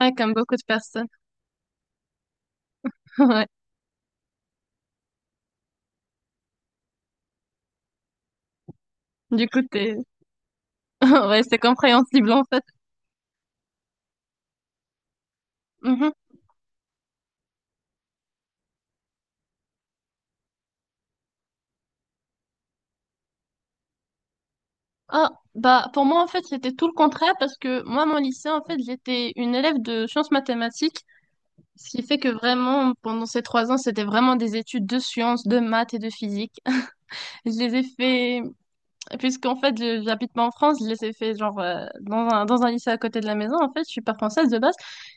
Ouais, comme beaucoup de personnes. Ouais. Du coup, t'es... Ouais, c'est compréhensible, en fait. Mhm. Ah, bah, pour moi, en fait, c'était tout le contraire parce que moi, mon lycée, en fait, j'étais une élève de sciences mathématiques, ce qui fait que vraiment, pendant ces trois ans, c'était vraiment des études de sciences, de maths et de physique. Je les ai fait. Puisqu'en fait, j'habite pas en France, je les ai fait genre dans un lycée à côté de la maison. En fait, je suis pas française de base.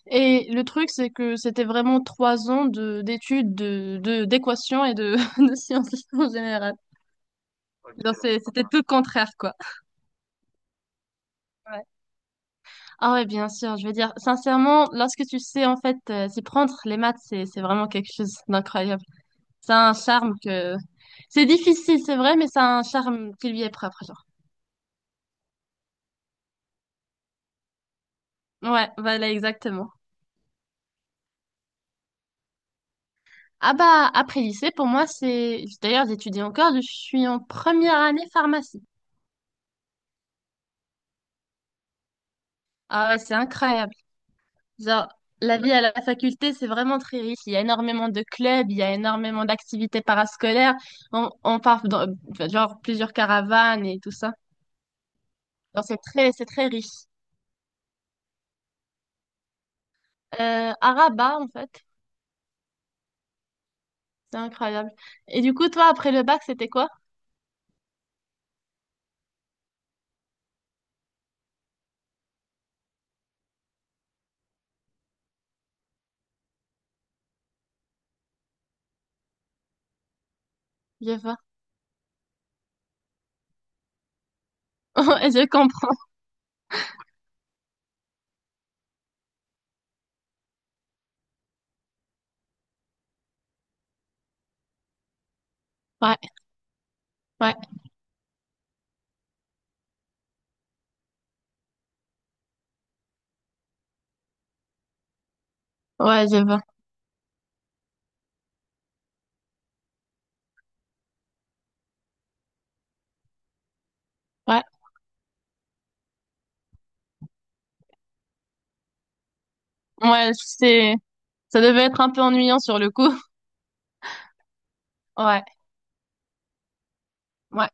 Et le truc, c'est que c'était vraiment trois ans de d'études, d'équations et de, de sciences en général. Genre, c'était tout le contraire, quoi. Ouais. Ah ouais, bien sûr. Je veux dire, sincèrement, lorsque tu sais en fait s'y prendre, les maths, c'est vraiment quelque chose d'incroyable. Ça a un charme que c'est difficile, c'est vrai, mais ça a un charme qui lui est propre, genre. Ouais, voilà, exactement. Ah bah, après lycée, pour moi, c'est... D'ailleurs, j'étudie encore, je suis en première année pharmacie. Ah ouais, c'est incroyable. Genre, la vie à la faculté, c'est vraiment très riche. Il y a énormément de clubs, il y a énormément d'activités parascolaires. On part dans, enfin, genre, plusieurs caravanes et tout ça. Genre, c'est très riche. À Rabat, en fait, c'est incroyable. Et du coup, toi, après le bac, c'était quoi? Je vois. Ouais, je comprends. Ouais, ouais, ouais, je vois. Ouais, ouais, c'est... Ça devait être un peu ennuyant sur le coup. Ouais. Ouais.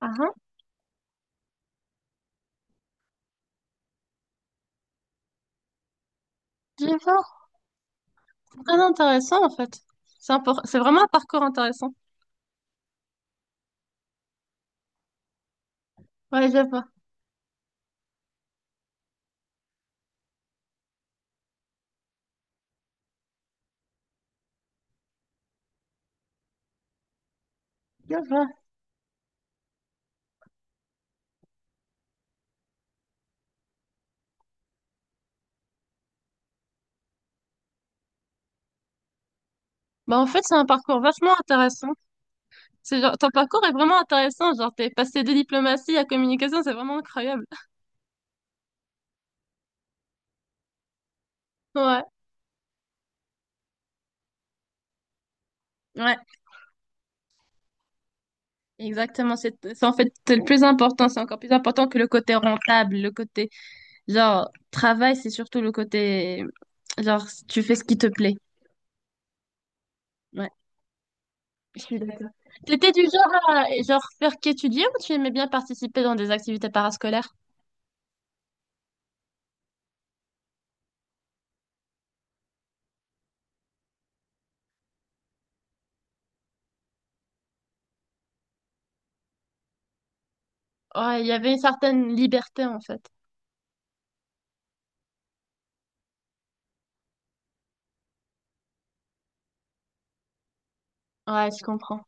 Ah, hein. Je... Très intéressant, en fait. C'est vraiment un parcours intéressant. Ouais, je vois. Je vois. Bah, en fait, c'est un parcours vachement intéressant. C'est genre, ton parcours est vraiment intéressant. Genre, t'es passé de diplomatie à communication, c'est vraiment incroyable. Ouais. Ouais. Exactement. C'est en fait, c'est le plus important. C'est encore plus important que le côté rentable, le côté, genre, travail, c'est surtout le côté, genre, tu fais ce qui te plaît. Ouais. Je suis d'accord. T'étais du genre à genre faire qu'étudier ou tu aimais bien participer dans des activités parascolaires? Ouais, il y avait une certaine liberté en fait. Ouais, je comprends.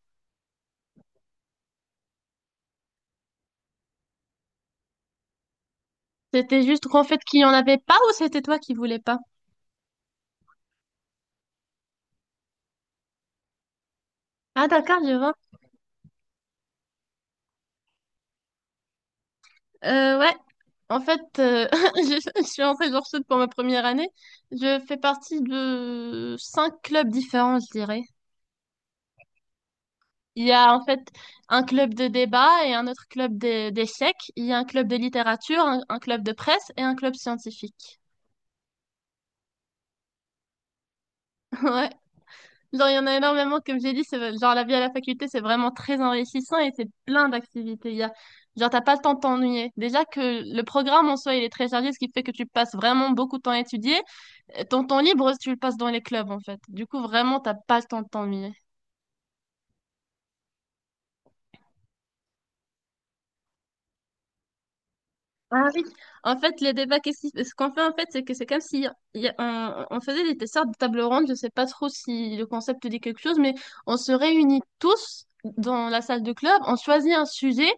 C'était juste qu'en fait qu'il n'y en avait pas ou c'était toi qui voulais pas? Ah d'accord, je vois. Ouais. En fait, je suis en Sèche sud pour ma première année. Je fais partie de cinq clubs différents, je dirais. Il y a en fait un club de débat et un autre d'échecs. Il y a un club de littérature, un club de presse et un club scientifique. Ouais. Genre, il y en a énormément, comme j'ai dit, c'est genre la vie à la faculté, c'est vraiment très enrichissant et c'est plein d'activités. Il y a, genre, t'as pas le temps de t'ennuyer. Déjà que le programme en soi, il est très chargé, ce qui fait que tu passes vraiment beaucoup de temps à étudier. Et ton temps libre, tu le passes dans les clubs, en fait. Du coup, vraiment, t'as pas le temps de t'ennuyer. Ah oui, en fait, le débat, ce qu'on fait en fait, c'est que c'est comme si on faisait des sortes de tables rondes, je sais pas trop si le concept dit quelque chose, mais on se réunit tous dans la salle de club, on choisit un sujet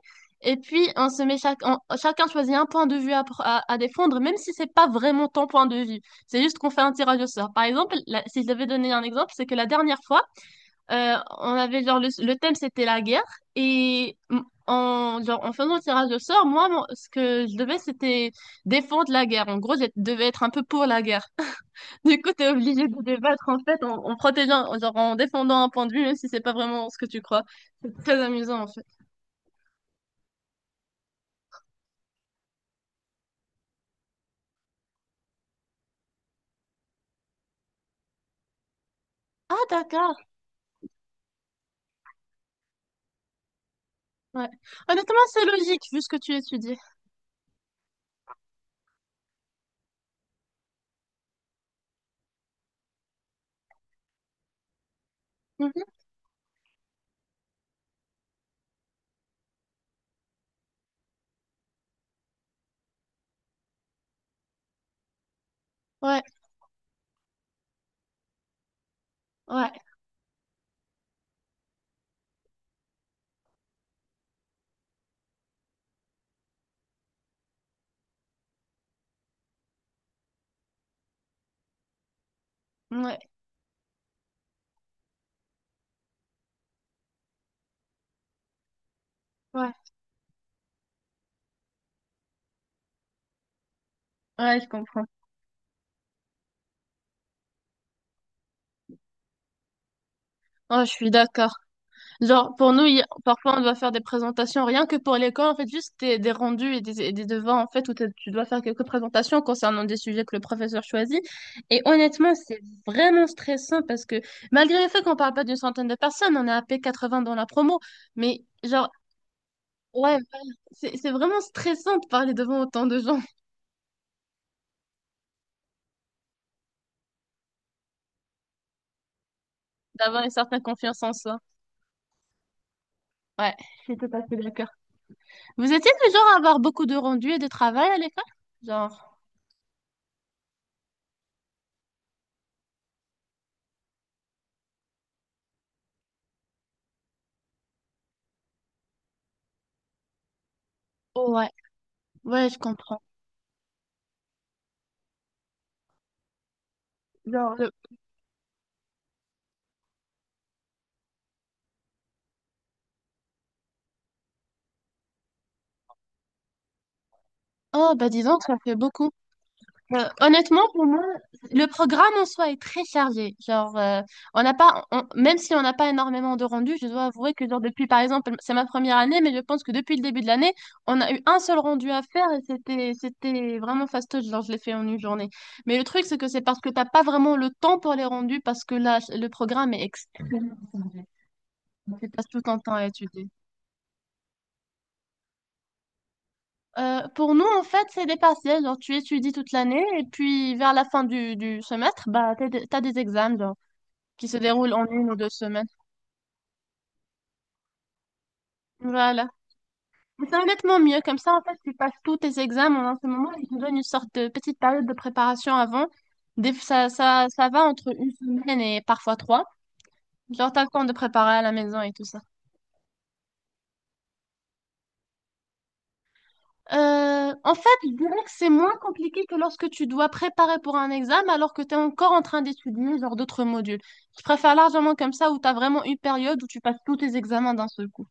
et puis on se met chaque, on- chacun choisit un point de vue à défendre, même si c'est pas vraiment ton point de vue. C'est juste qu'on fait un tirage au sort. Par exemple, si je devais donner un exemple, c'est que la dernière fois, on avait genre le thème c'était la guerre et en faisant le tirage au sort, ce que je devais c'était défendre la guerre. En gros, je devais être un peu pour la guerre. Du coup, t'es obligé de débattre en fait en protégeant, en défendant un point de vue même si c'est pas vraiment ce que tu crois. C'est très amusant en fait. Ah d'accord. Ouais. Honnêtement, c'est logique vu ce que tu étudies. Mhm. Ouais, ouais, ouais, ouais. Ouais, je comprends. Oh, je suis d'accord. Genre, pour nous, parfois, on doit faire des présentations, rien que pour l'école, en fait, juste des rendus et des devants, en fait, où tu dois faire quelques présentations concernant des sujets que le professeur choisit. Et honnêtement, c'est vraiment stressant parce que, malgré le fait qu'on parle pas d'une centaine de personnes, on est à p 80 dans la promo, mais genre, ouais, voilà, c'est vraiment stressant de parler devant autant de gens, d'avoir une certaine confiance en soi. Ouais, je suis tout à fait d'accord. Vous étiez du genre à avoir beaucoup de rendus et de travail à l'école? Genre, oh ouais, ouais, je comprends. Oh, bah dis donc, ça fait beaucoup. Honnêtement, pour moi, le programme en soi est très chargé. Genre, on n'a pas, on- même si on n'a pas énormément de rendus, je dois avouer que genre depuis, par exemple, c'est ma première année, mais je pense que depuis le début de l'année, on a eu un seul rendu à faire et c'était vraiment fastoche. Genre, je l'ai fait en une journée. Mais le truc, c'est que c'est parce que t'as pas vraiment le temps pour les rendus parce que là, le programme est extrême. Tu passes tout ton temps à étudier. Pour nous, en fait, c'est des partiels. Genre, tu étudies toute l'année et puis vers la fin du semestre, bah, t'as des examens genre, qui se déroulent en une ou deux semaines. Voilà. Mais c'est honnêtement mieux. Comme ça, en fait, tu passes tous tes examens en un seul moment. Ils te donnent une sorte de petite période de préparation avant. Ça va entre une semaine et parfois trois. Genre, t'as le temps de préparer à la maison et tout ça. En fait, je dirais que c'est moins compliqué que lorsque tu dois préparer pour un examen alors que tu es encore en train d'étudier genre d'autres modules. Je préfère largement comme ça où tu as vraiment une période où tu passes tous tes examens d'un seul coup.